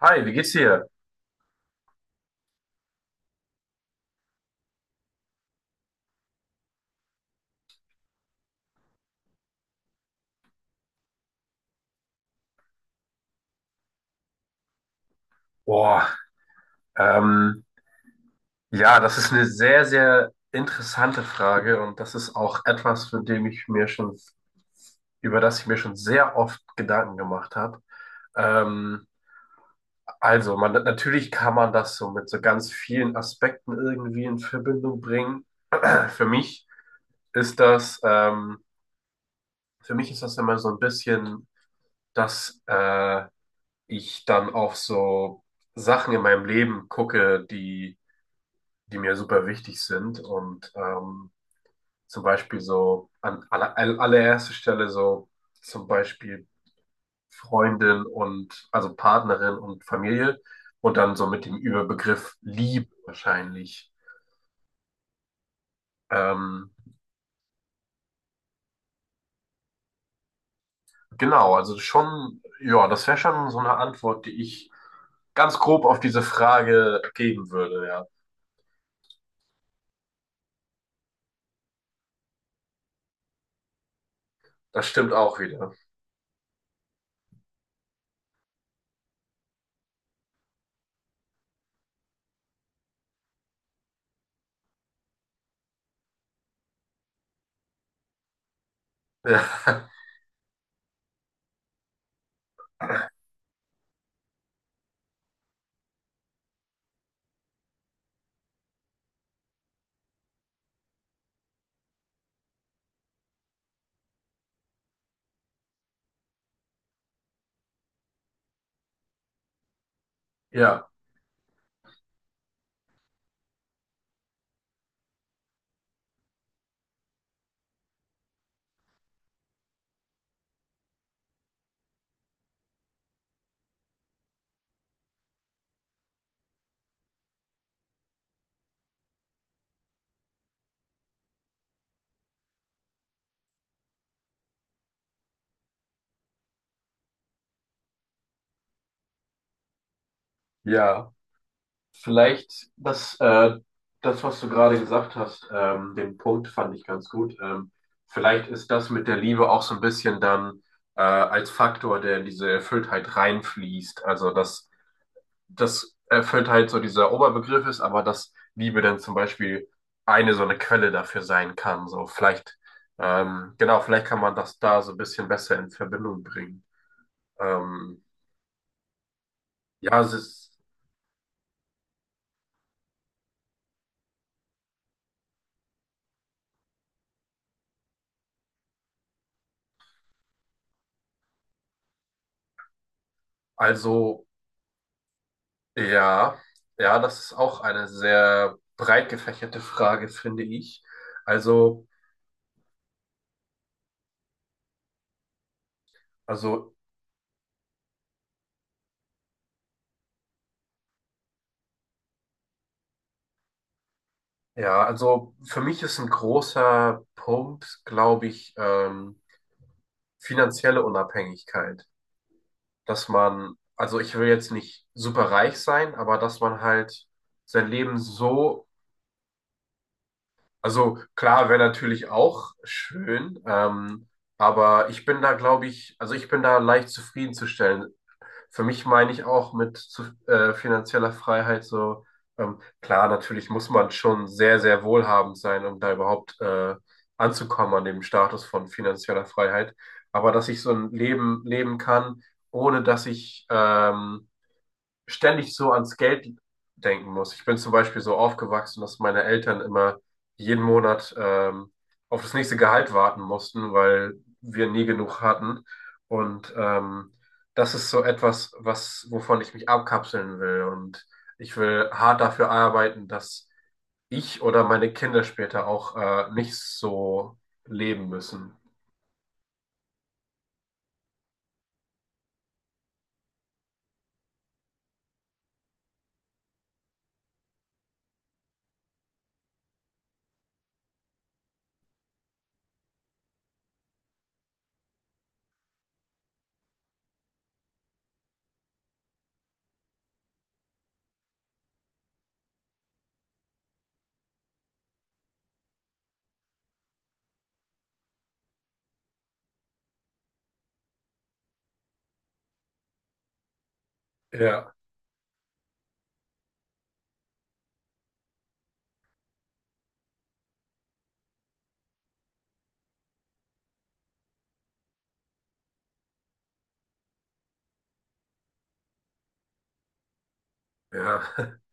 Hi, wie geht's dir? Boah, ähm, ja, das ist eine sehr, sehr interessante Frage und das ist auch etwas, für dem ich mir schon, über das ich mir schon sehr oft Gedanken gemacht habe. Ähm, also, man, natürlich kann man das so mit so ganz vielen Aspekten irgendwie in Verbindung bringen. Für mich ist das, ähm, für mich ist das immer so ein bisschen, dass ich dann auf so Sachen in meinem Leben gucke, die mir super wichtig sind. Und zum Beispiel so an allererster Stelle, so zum Beispiel Freundin und also Partnerin und Familie und dann so mit dem Überbegriff Liebe wahrscheinlich. Ähm, genau, also schon, ja, das wäre schon so eine Antwort, die ich ganz grob auf diese Frage geben würde, ja. Das stimmt auch wieder. Ja, ja, ja. Vielleicht das, äh, Das, was du gerade gesagt hast, den Punkt fand ich ganz gut. Vielleicht ist das mit der Liebe auch so ein bisschen dann als Faktor, der in diese Erfülltheit reinfließt. Also dass, dass Erfülltheit so dieser Oberbegriff ist, aber dass Liebe dann zum Beispiel eine so eine Quelle dafür sein kann. So vielleicht, genau, vielleicht kann man das da so ein bisschen besser in Verbindung bringen. Ähm, ja, es ist also. Ja, ja, das ist auch eine sehr breit gefächerte Frage, finde ich. Also, also, ja, also für mich ist ein großer Punkt, glaube ich, finanzielle Unabhängigkeit. Dass man, also ich will jetzt nicht super reich sein, aber dass man halt sein Leben so, also klar, wäre natürlich auch schön, aber ich bin da, glaube ich, also ich bin da leicht zufriedenzustellen. Für mich meine ich auch mit finanzieller Freiheit so, klar, natürlich muss man schon sehr, sehr wohlhabend sein, um da überhaupt anzukommen an dem Status von finanzieller Freiheit. Aber dass ich so ein Leben leben kann, ohne dass ich ständig so ans Geld denken muss. Ich bin zum Beispiel so aufgewachsen, dass meine Eltern immer jeden Monat auf das nächste Gehalt warten mussten, weil wir nie genug hatten. Und das ist so etwas, was, wovon ich mich abkapseln will. Und ich will hart dafür arbeiten, dass ich oder meine Kinder später auch nicht so leben müssen. Ja, ja.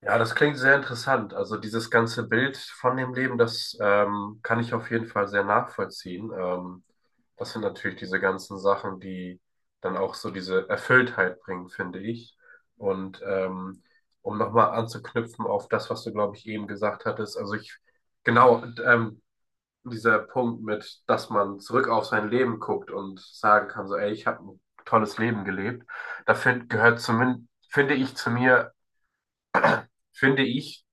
Ja, das klingt sehr interessant. Also dieses ganze Bild von dem Leben, das kann ich auf jeden Fall sehr nachvollziehen. Das sind natürlich diese ganzen Sachen, die dann auch so diese Erfülltheit bringen, finde ich. Und um nochmal anzuknüpfen auf das, was du, glaube ich, eben gesagt hattest, genau, dieser Punkt mit, dass man zurück auf sein Leben guckt und sagen kann, so, ey, ich habe ein tolles Leben gelebt, gehört zumindest, finde ich, zu mir, finde ich,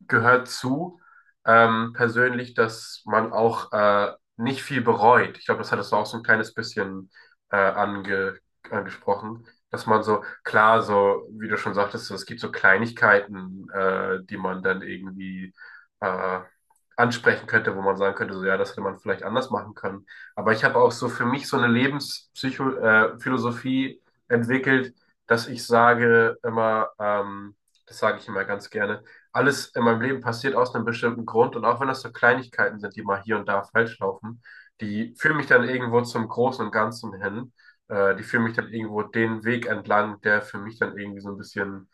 gehört zu, persönlich, dass man auch nicht viel bereut. Ich glaube, das hattest du auch so ein kleines bisschen äh, ange angesprochen, dass man so, klar, so, wie du schon sagtest, so, es gibt so Kleinigkeiten, die man dann irgendwie äh, ansprechen könnte, wo man sagen könnte, so, ja, das hätte man vielleicht anders machen können. Aber ich habe auch so für mich so eine Lebenspsycho Philosophie entwickelt, dass ich sage immer, das sage ich immer ganz gerne, alles in meinem Leben passiert aus einem bestimmten Grund und auch wenn das so Kleinigkeiten sind, die mal hier und da falsch laufen, die führen mich dann irgendwo zum Großen und Ganzen hin. Die führen mich dann irgendwo den Weg entlang, der für mich dann irgendwie so ein bisschen,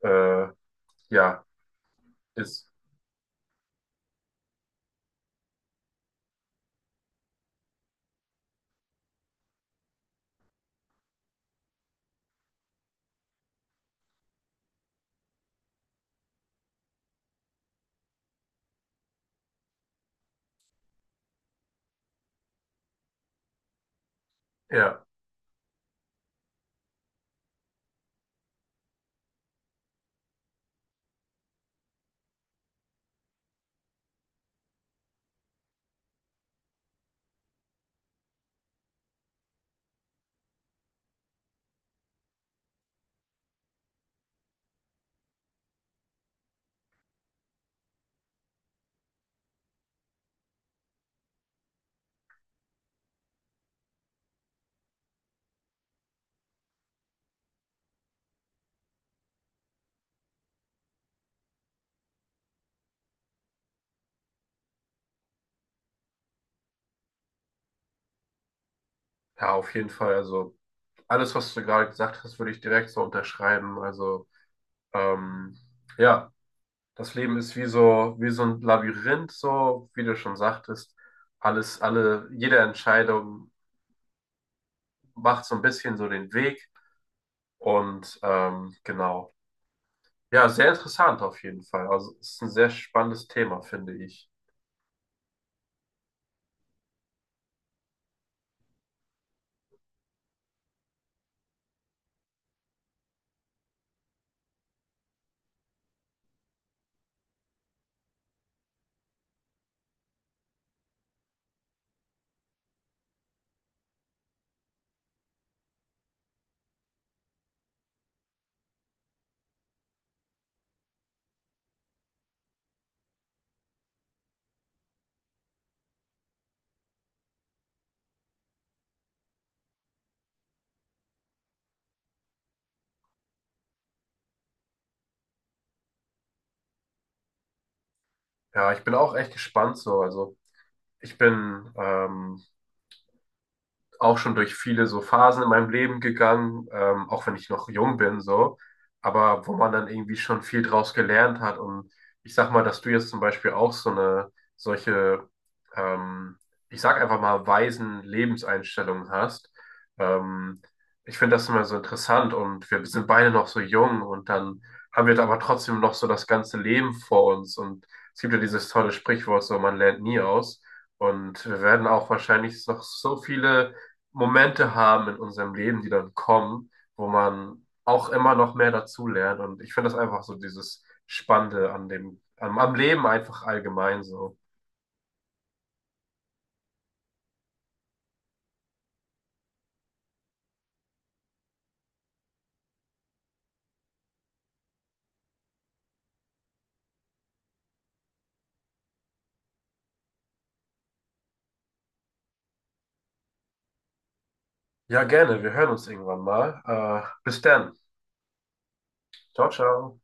äh, ja, ist. Ja, ja, auf jeden Fall. Also alles, was du gerade gesagt hast, würde ich direkt so unterschreiben. Also, ähm, ja, das Leben ist wie so ein Labyrinth, so, wie du schon sagtest. Jede Entscheidung macht so ein bisschen so den Weg und genau. Ja, sehr interessant auf jeden Fall. Also es ist ein sehr spannendes Thema, finde ich. Ja, ich bin auch echt gespannt so. Also ich bin auch schon durch viele so Phasen in meinem Leben gegangen, auch wenn ich noch jung bin, so, aber wo man dann irgendwie schon viel draus gelernt hat. Und ich sag mal, dass du jetzt zum Beispiel auch so solche, ähm, ich sag einfach mal, weisen Lebenseinstellungen hast. Ähm, Ich finde das immer so interessant und wir sind beide noch so jung und dann haben wir aber trotzdem noch so das ganze Leben vor uns. Und es gibt ja dieses tolle Sprichwort, so man lernt nie aus. Und wir werden auch wahrscheinlich noch so viele Momente haben in unserem Leben, die dann kommen, wo man auch immer noch mehr dazulernt. Und ich finde das einfach so dieses Spannende an am Leben einfach allgemein so. Ja, gerne. Wir hören uns irgendwann mal. Bis dann. Ciao, ciao.